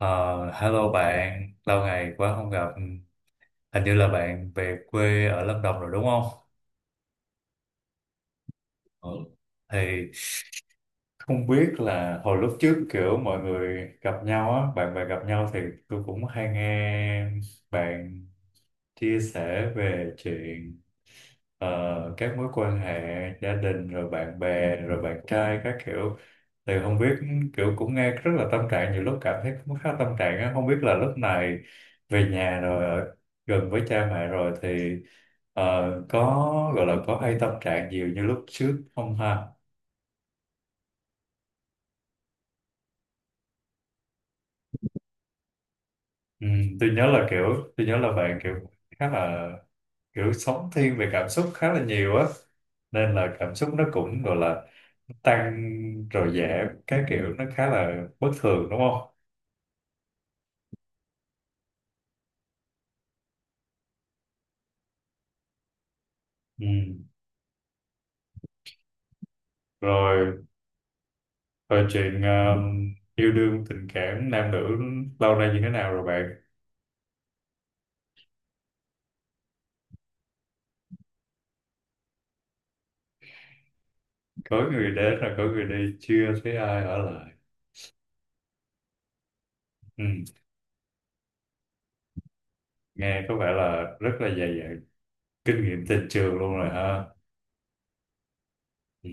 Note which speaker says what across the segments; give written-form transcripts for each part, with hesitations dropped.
Speaker 1: Ờ, Hello bạn, lâu ngày quá không gặp. Hình như là bạn về quê ở Lâm Đồng rồi đúng không? Ừ. Thì Không biết là hồi lúc trước kiểu mọi người gặp nhau á, bạn bè gặp nhau thì tôi cũng hay nghe bạn chia sẻ về chuyện các mối quan hệ gia đình rồi bạn bè rồi bạn trai các kiểu, thì không biết, kiểu cũng nghe rất là tâm trạng, nhiều lúc cảm thấy cũng khá tâm trạng á. Không biết là lúc này về nhà rồi, ở gần với cha mẹ rồi thì có gọi là có hay tâm trạng nhiều như lúc trước không ha? Ừ, tôi nhớ là bạn kiểu khá là kiểu sống thiên về cảm xúc khá là nhiều á, nên là cảm xúc nó cũng gọi là tăng rồi giảm các kiểu, nó khá là bất thường đúng không? Ừ. Rồi, rồi chuyện yêu đương tình cảm nam nữ lâu nay như thế nào rồi bạn? Có người đến rồi có người đi, chưa thấy ai ở lại. Ừ. Nghe có vẻ là rất là dày dặn kinh nghiệm tình trường luôn rồi ha. Ừ.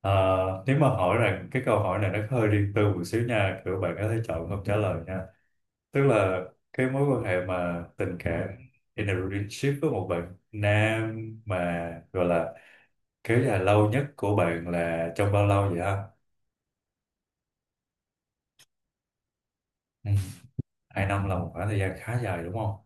Speaker 1: Ờ, nếu mà hỏi rằng cái câu hỏi này nó hơi riêng tư một xíu nha, kiểu bạn có thể chọn không trả lời nha. Tức là cái mối quan hệ mà tình cảm, in a relationship với một bạn nam, mà gọi là kéo dài lâu nhất của bạn là trong bao lâu vậy ha? Ừ. Hai năm là một khoảng thời gian khá dài đúng không?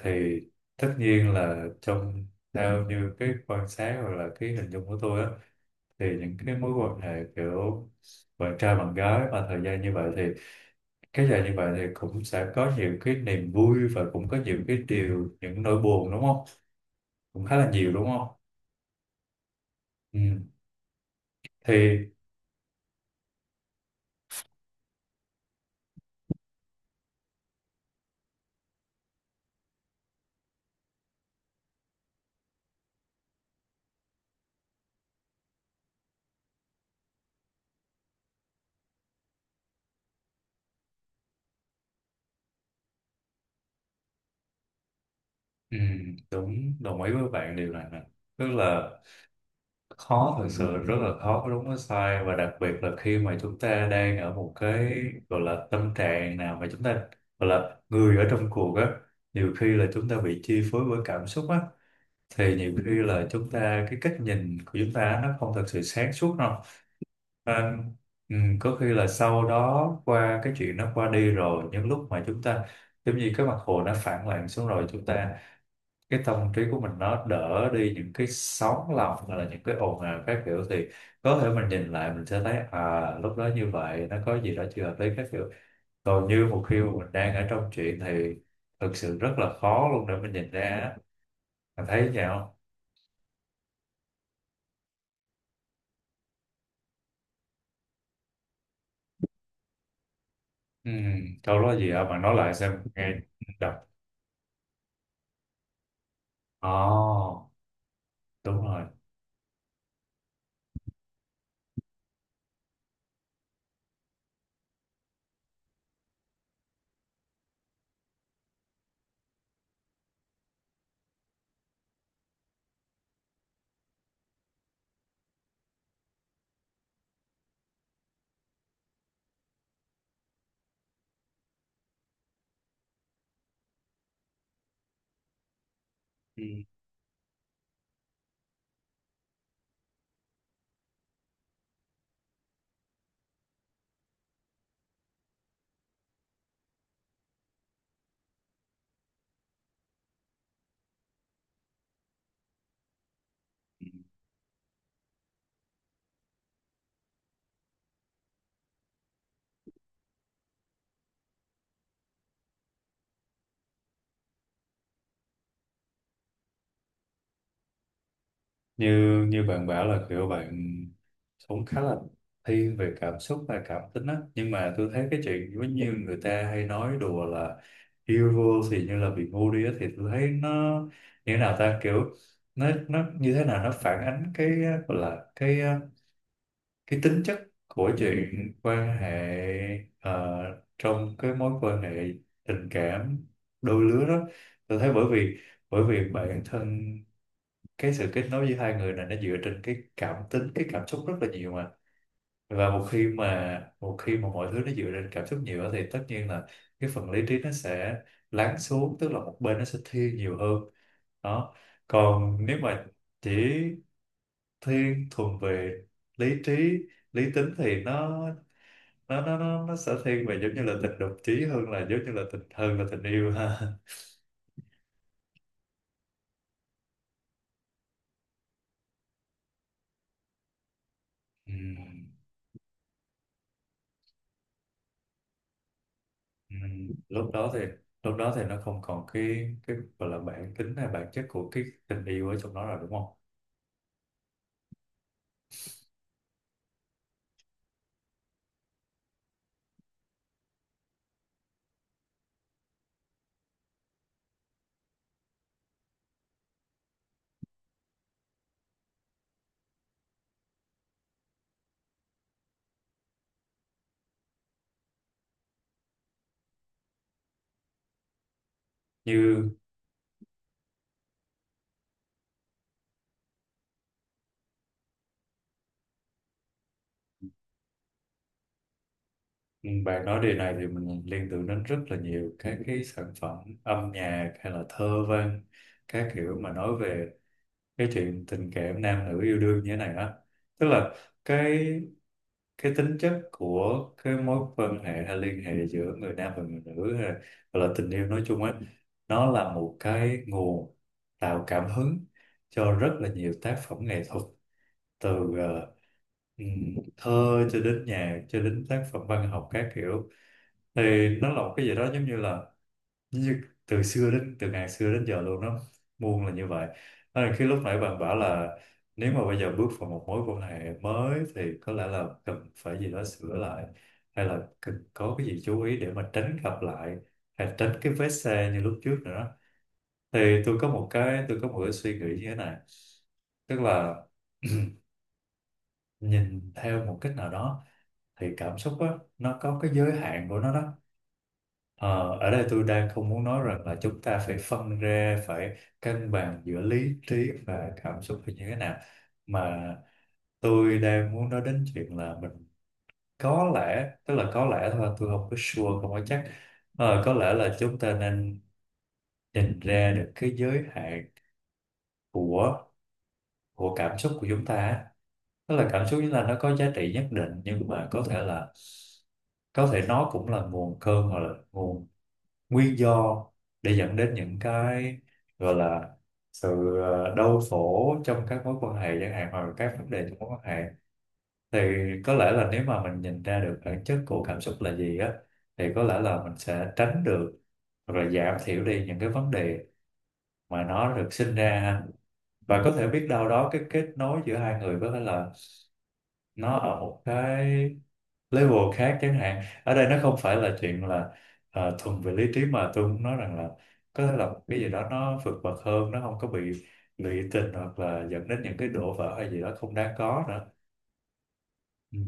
Speaker 1: Thì Tất nhiên là trong, theo như cái quan sát hoặc là cái hình dung của tôi á, thì những cái mối quan hệ kiểu bạn trai bạn gái mà thời gian như vậy thì kéo dài như vậy thì cũng sẽ có nhiều cái niềm vui và cũng có nhiều cái điều, những nỗi buồn đúng không? Cũng khá là nhiều đúng không? Ừ. thì ừ, đúng, đồng ý với bạn điều này nè. Tức là khó, thật sự rất là khó có đúng có sai, và đặc biệt là khi mà chúng ta đang ở một cái gọi là tâm trạng nào, mà chúng ta gọi là người ở trong cuộc á, nhiều khi là chúng ta bị chi phối bởi cảm xúc á, thì nhiều khi là chúng ta, cái cách nhìn của chúng ta á, nó không thật sự sáng suốt đâu. Nên, ừ, có khi là sau đó, qua cái chuyện nó qua đi rồi, những lúc mà chúng ta giống như cái mặt hồ nó phẳng lặng xuống, rồi chúng ta, cái tâm trí của mình nó đỡ đi những cái sóng lòng hoặc là những cái ồn ào các kiểu, thì có thể mình nhìn lại mình sẽ thấy à, lúc đó như vậy nó có gì đó chưa hợp lý các kiểu. Còn như một khi mà mình đang ở trong chuyện thì thực sự rất là khó luôn để mình nhìn ra á. Bạn thấy vậy không? Ừ, câu đó gì hả, bạn nói lại xem nghe. Đọc. Ồ, đúng rồi. Như Như bạn bảo là kiểu bạn sống khá là thiên về cảm xúc và cảm tính á, nhưng mà tôi thấy cái chuyện giống như người ta hay nói đùa là yêu vô thì như là bị ngu đi á, thì tôi thấy nó như thế nào ta, kiểu nó như thế nào, nó phản ánh cái gọi là cái tính chất của chuyện quan hệ, ờ, trong cái mối quan hệ tình cảm đôi lứa đó. Tôi thấy bởi vì, bản thân cái sự kết nối giữa hai người này nó dựa trên cái cảm tính, cái cảm xúc rất là nhiều mà. Và một khi mà, mọi thứ nó dựa trên cảm xúc nhiều á, thì tất nhiên là cái phần lý trí nó sẽ lắng xuống, tức là một bên nó sẽ thiên nhiều hơn. Đó, còn nếu mà chỉ thiên thuần về lý trí, lý tính, thì nó nó sẽ thiên về giống như là tình đồng chí, hơn là giống như là tình, hơn là tình yêu ha. Ừ. Ừ, lúc đó thì lúc đó thì nó không còn cái gọi là bản tính hay bản chất của cái tình yêu ở trong đó rồi đúng không? như ừ, bạn nói điều này thì mình liên tưởng đến rất là nhiều các cái sản phẩm âm nhạc hay là thơ văn các kiểu, mà nói về cái chuyện tình cảm nam nữ yêu đương như thế này á. Tức là cái cái tính chất của cái mối quan hệ hay liên hệ giữa người nam và người nữ, hay là, hoặc là tình yêu nói chung á, nó là một cái nguồn tạo cảm hứng cho rất là nhiều tác phẩm nghệ thuật, từ ờ, thơ cho đến nhạc cho đến tác phẩm văn học các kiểu. Thì nó là một cái gì đó giống như là như từ xưa, đến từ ngàn xưa đến giờ luôn đó, muôn là như vậy. Đó là khi lúc nãy bạn bảo là nếu mà bây giờ bước vào một mối quan hệ mới thì có lẽ là cần phải gì đó sửa lại, hay là cần có cái gì chú ý để mà tránh gặp lại, hay tránh cái vết xe như lúc trước nữa đó. Thì tôi có một cái suy nghĩ như thế này. Tức là nhìn theo một cách nào đó thì cảm xúc á, nó có cái giới hạn của nó đó. Ờ, ở đây tôi đang không muốn nói rằng là chúng ta phải phân ra, phải cân bằng giữa lý trí và cảm xúc là như thế nào. Mà tôi đang muốn nói đến chuyện là mình có lẽ, tức là có lẽ thôi, tôi không có sure, không có chắc. Ờ, có lẽ là chúng ta nên nhìn ra được cái giới hạn của cảm xúc của chúng ta á. Tức là cảm xúc chúng ta nó có giá trị nhất định, nhưng mà có thể là, có thể nó cũng là nguồn cơn, hoặc là nguồn nguyên do để dẫn đến những cái gọi là sự đau khổ trong các mối quan hệ chẳng hạn, hoặc là các vấn đề trong mối quan hệ. Thì có lẽ là nếu mà mình nhìn ra được bản chất của cảm xúc là gì á, thì có lẽ là mình sẽ tránh được hoặc là giảm thiểu đi những cái vấn đề mà nó được sinh ra ha. Và có thể biết đâu đó cái kết nối giữa hai người có thể là nó ở một cái level khác chẳng hạn. Ở đây nó không phải là chuyện là thuần về lý trí, mà tôi muốn nói rằng là có thể là cái gì đó nó vượt bậc hơn, nó không có bị lụy tình hoặc là dẫn đến những cái đổ vỡ hay gì đó không đáng có nữa. Ừ.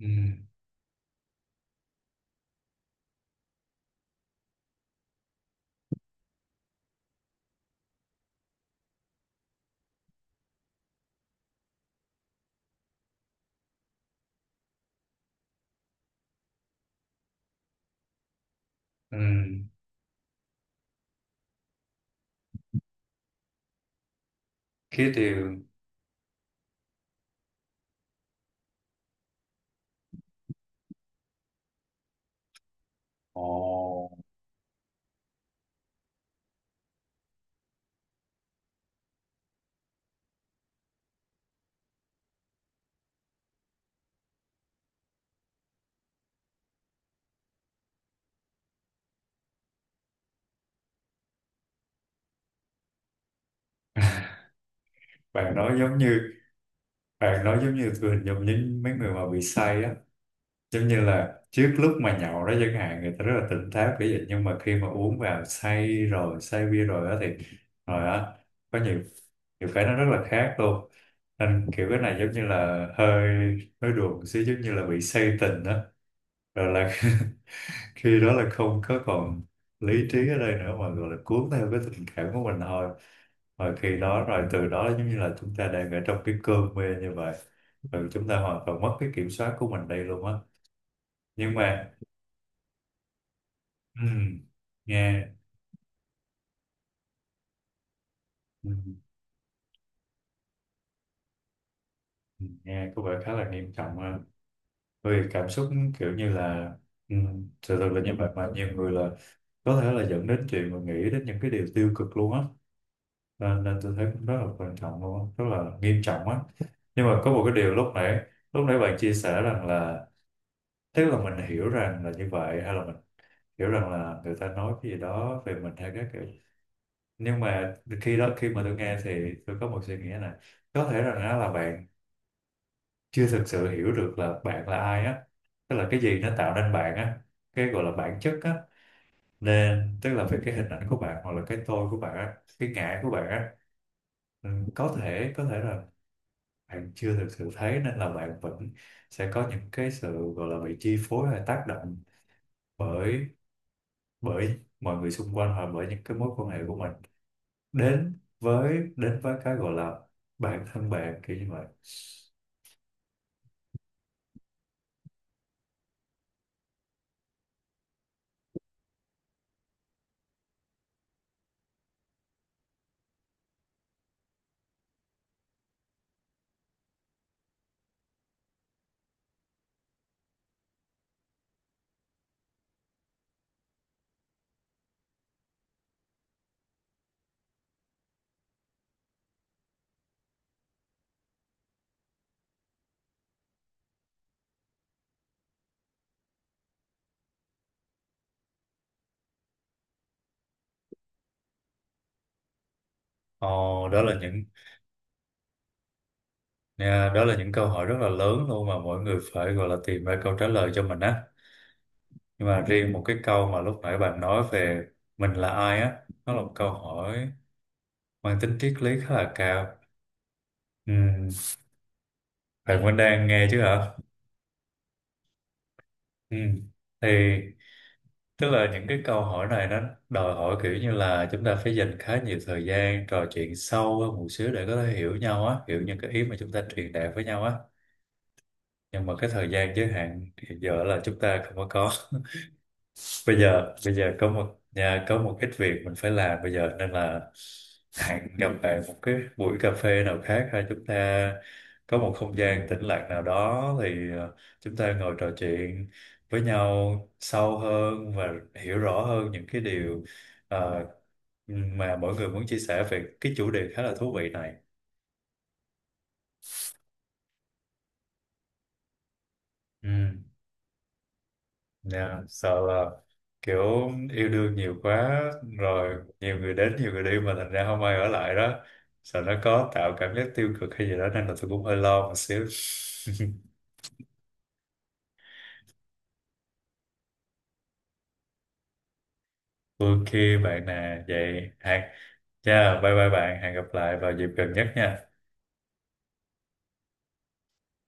Speaker 1: Ừ. Ừ. khí điều Ồ, bạn nói giống như bạn nói giống như tôi hình dung những mấy người mà bị say á, giống như là trước lúc mà nhậu đó chẳng hạn, người ta rất là tỉnh táo kiểu vậy, nhưng mà khi mà uống vào say rồi, say bia rồi đó thì rồi á, có nhiều, nhiều cái nó rất là khác luôn. Nên kiểu cái này giống như là hơi, hơi đùa một xíu, giống như là bị say tình đó, rồi là khi đó là không có còn lý trí ở đây nữa, mà gọi là cuốn theo cái tình cảm của mình thôi. Rồi khi đó, rồi từ đó giống như là chúng ta đang ở trong cái cơn mê như vậy, rồi chúng ta hoàn toàn mất cái kiểm soát của mình đây luôn á. Nhưng mà ừm, nghe ừm, nghe có vẻ khá là nghiêm trọng ha, bởi vì cảm xúc kiểu như là sự thật là như vậy, mà nhiều người là có thể là dẫn đến chuyện mà nghĩ đến những cái điều tiêu cực luôn á. Nên, nên tôi thấy cũng rất là quan trọng luôn á, rất là nghiêm trọng á. Nhưng mà có một cái điều lúc nãy bạn chia sẻ rằng là, tức là mình hiểu rằng là như vậy, hay là mình hiểu rằng là người ta nói cái gì đó về mình hay các kiểu, nhưng mà khi đó, khi mà tôi nghe thì tôi có một suy nghĩ này. Có thể rằng á là bạn chưa thực sự hiểu được là bạn là ai á, tức là cái gì nó tạo nên bạn á, cái gọi là bản chất á. Nên tức là về cái hình ảnh của bạn, hoặc là cái tôi của bạn á, cái ngã của bạn á, ừ, có thể, có thể là bạn chưa thực sự thấy, nên là bạn vẫn sẽ có những cái sự gọi là bị chi phối hay tác động bởi, mọi người xung quanh, hoặc bởi những cái mối quan hệ của mình đến với, cái gọi là bản thân bạn kiểu như vậy. Ồ, đó là những— Nha, đó là những câu hỏi rất là lớn luôn mà mỗi người phải gọi là tìm ra câu trả lời cho mình á. Nhưng mà riêng một cái câu mà lúc nãy bạn nói về mình là ai á, nó là một câu hỏi mang tính triết lý khá là cao. Ừ, bạn vẫn đang nghe chứ hả? Ừ. Thì Tức là những cái câu hỏi này nó đòi hỏi kiểu như là chúng ta phải dành khá nhiều thời gian trò chuyện sâu hơn một xíu để có thể hiểu nhau á, hiểu những cái ý mà chúng ta truyền đạt với nhau á. Nhưng mà cái thời gian giới hạn hiện giờ là chúng ta không có có. Bây giờ có một nhà có một ít việc mình phải làm bây giờ, nên là hẹn gặp bạn một cái buổi cà phê nào khác, hay chúng ta có một không gian tĩnh lặng nào đó, thì chúng ta ngồi trò chuyện với nhau sâu hơn và hiểu rõ hơn những cái điều ờ, mà mỗi người muốn chia sẻ về cái chủ đề khá là thú vị này. Ừ. Dạ, sợ là kiểu yêu đương nhiều quá, rồi nhiều người đến nhiều người đi mà thành ra không ai ở lại đó, sợ nó có tạo cảm giác tiêu cực hay gì đó, nên là tôi cũng hơi lo một xíu. Ok bạn nè, vậy hẹn— Yeah, bye bye bạn, hẹn gặp lại vào dịp gần nhất nha.